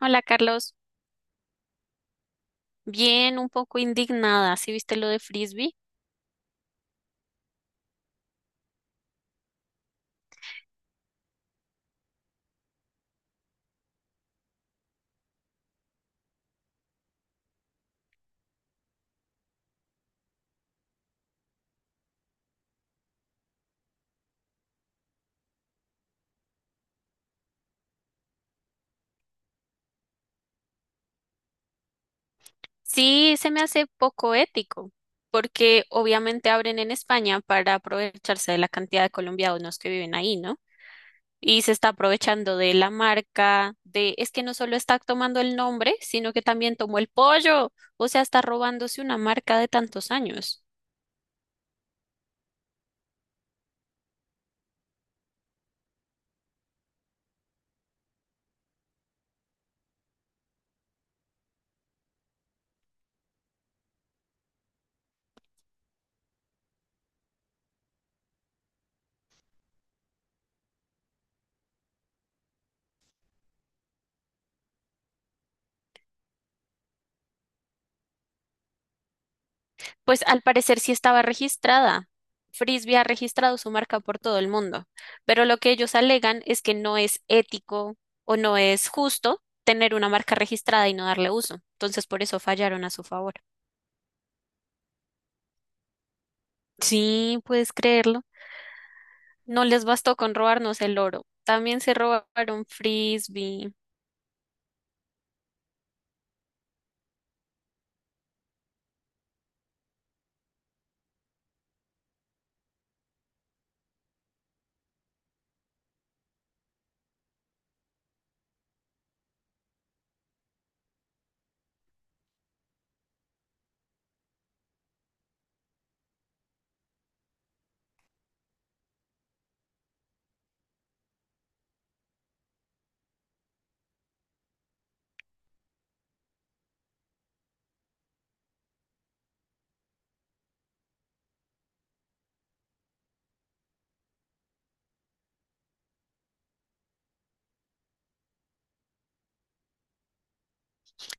Hola Carlos, bien, un poco indignada, ¿sí viste lo de Frisbee? Sí, se me hace poco ético, porque obviamente abren en España para aprovecharse de la cantidad de colombianos que viven ahí, ¿no? Y se está aprovechando de la marca, de, es que no solo está tomando el nombre, sino que también tomó el pollo, o sea, está robándose una marca de tantos años. Pues al parecer sí estaba registrada. Frisbee ha registrado su marca por todo el mundo, pero lo que ellos alegan es que no es ético o no es justo tener una marca registrada y no darle uso. Entonces por eso fallaron a su favor. Sí, puedes creerlo. No les bastó con robarnos el oro. También se robaron Frisbee.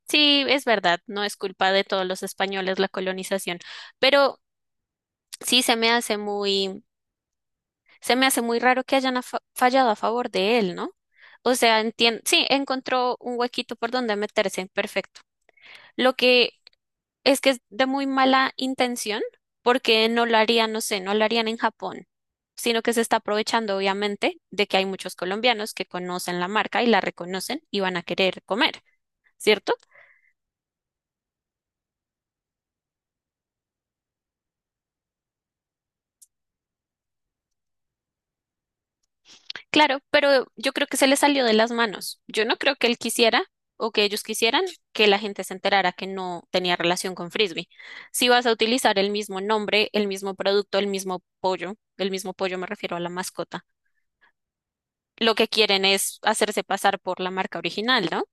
Sí, es verdad, no es culpa de todos los españoles la colonización, pero sí se me hace muy. Se me hace muy raro que hayan fallado a favor de él, ¿no? O sea, sí, encontró un huequito por donde meterse, perfecto. Lo que es de muy mala intención, porque no lo harían, no sé, no lo harían en Japón, sino que se está aprovechando, obviamente, de que hay muchos colombianos que conocen la marca y la reconocen y van a querer comer, ¿cierto? Claro, pero yo creo que se le salió de las manos. Yo no creo que él quisiera o que ellos quisieran que la gente se enterara que no tenía relación con Frisbee. Si vas a utilizar el mismo nombre, el mismo producto, el mismo pollo me refiero a la mascota, lo que quieren es hacerse pasar por la marca original, ¿no?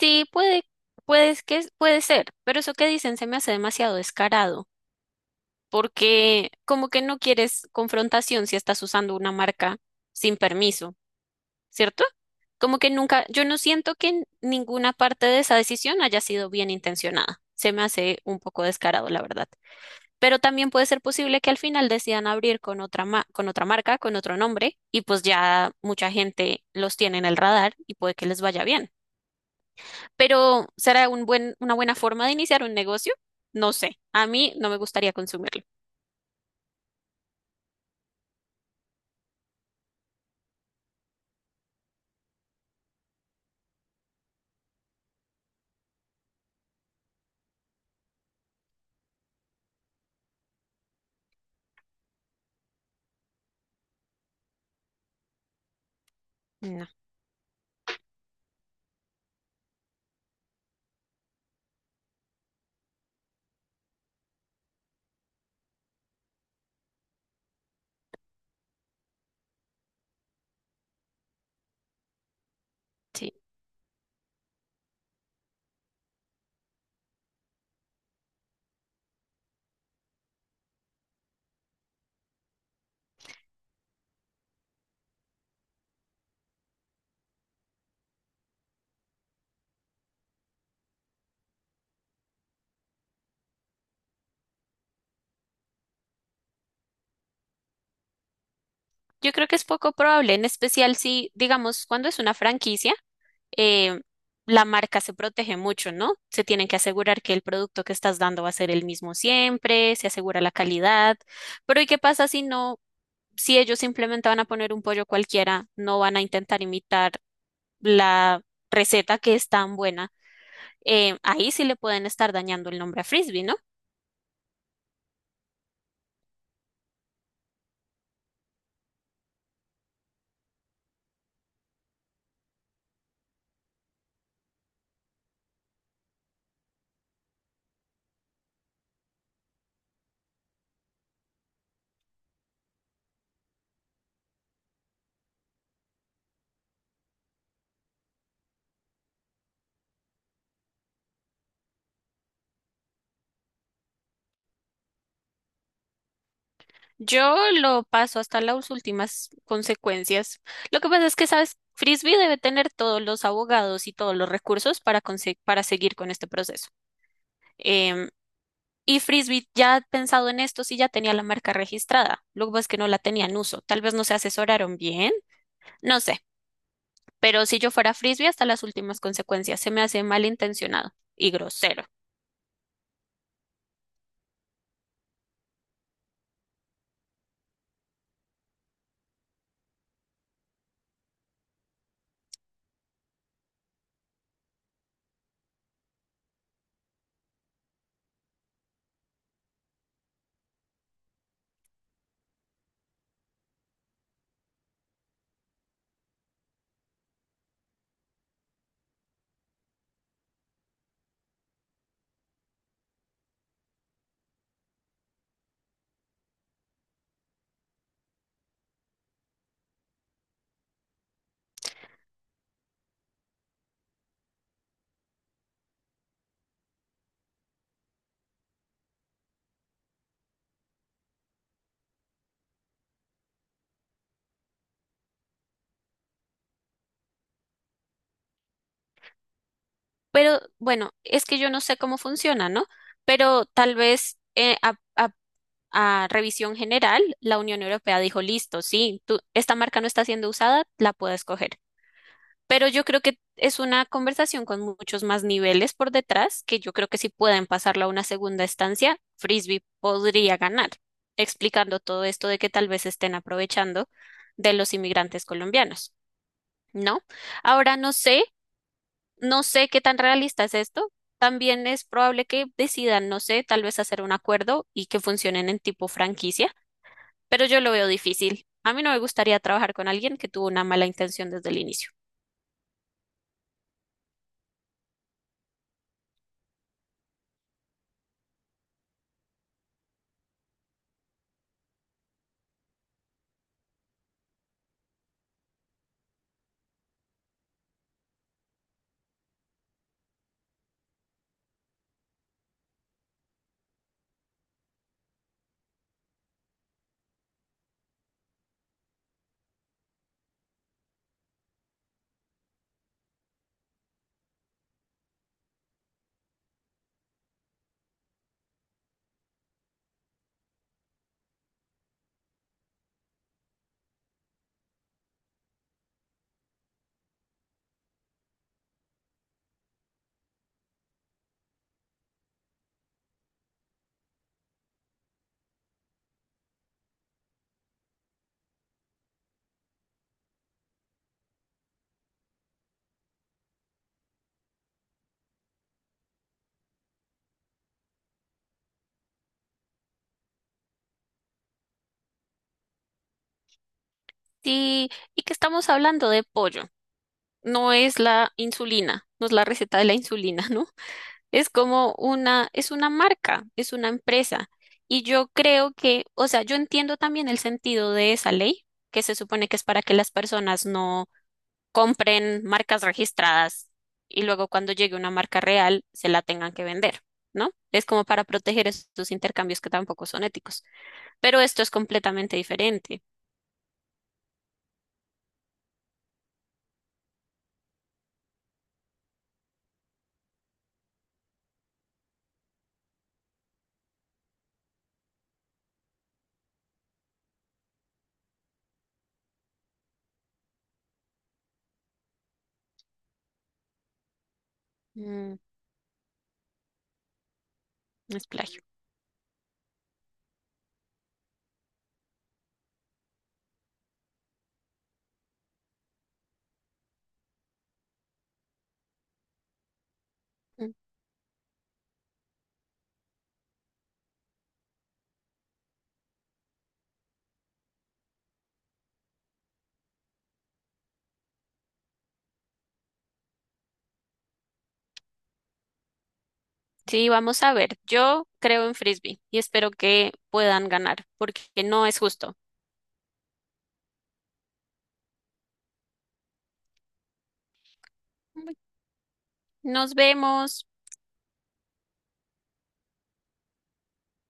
Sí, puede, puede que, puede ser, pero eso que dicen se me hace demasiado descarado, porque como que no quieres confrontación si estás usando una marca sin permiso. ¿Cierto? Como que nunca, yo no siento que en ninguna parte de esa decisión haya sido bien intencionada. Se me hace un poco descarado, la verdad. Pero también puede ser posible que al final decidan abrir con otra con otra marca, con otro nombre, y pues ya mucha gente los tiene en el radar y puede que les vaya bien. Pero ¿será un buen, una buena forma de iniciar un negocio? No sé. A mí no me gustaría consumirlo. No, sí. Yo creo que es poco probable, en especial si, digamos, cuando es una franquicia. eh, la marca se protege mucho, ¿no? Se tienen que asegurar que el producto que estás dando va a ser el mismo siempre, se asegura la calidad. Pero ¿y qué pasa si no, si ellos simplemente van a poner un pollo cualquiera, no van a intentar imitar la receta que es tan buena? Ahí sí le pueden estar dañando el nombre a Frisbee, ¿no? Yo lo paso hasta las últimas consecuencias. Lo que pasa es que, ¿sabes? Frisbee debe tener todos los abogados y todos los recursos para, para seguir con este proceso. Em, Y Frisbee ya ha pensado en esto si ya tenía la marca registrada. Lo que pasa es que no la tenía en uso. Tal vez no se asesoraron bien, no sé. Pero si yo fuera Frisbee hasta las últimas consecuencias, se me hace malintencionado y grosero. Pero bueno, es que yo no sé cómo funciona, ¿no? Pero tal vez a revisión general, la Unión Europea dijo, listo, sí, tú, esta marca no está siendo usada, la puedes coger. Pero yo creo que es una conversación con muchos más niveles por detrás, que yo creo que si pueden pasarla a una segunda estancia, Frisbee podría ganar, explicando todo esto de que tal vez estén aprovechando de los inmigrantes colombianos, ¿no? Ahora no sé, no sé qué tan realista es esto. También es probable que decidan, no sé, tal vez hacer un acuerdo y que funcionen en tipo franquicia, pero yo lo veo difícil. A mí no me gustaría trabajar con alguien que tuvo una mala intención desde el inicio. Sí, y que estamos hablando de pollo. No es la insulina, no es la receta de la insulina, ¿no? Es como una, es una marca, es una empresa. Y yo creo que, o sea, yo entiendo también el sentido de esa ley, que se supone que es para que las personas no compren marcas registradas y luego cuando llegue una marca real se la tengan que vender, ¿no? Es como para proteger estos intercambios que tampoco son éticos. Pero esto es completamente diferente. Mm, es plagio. Mm. Sí, vamos a ver. Yo creo en Frisbee y espero que puedan ganar porque no es justo. Nos vemos.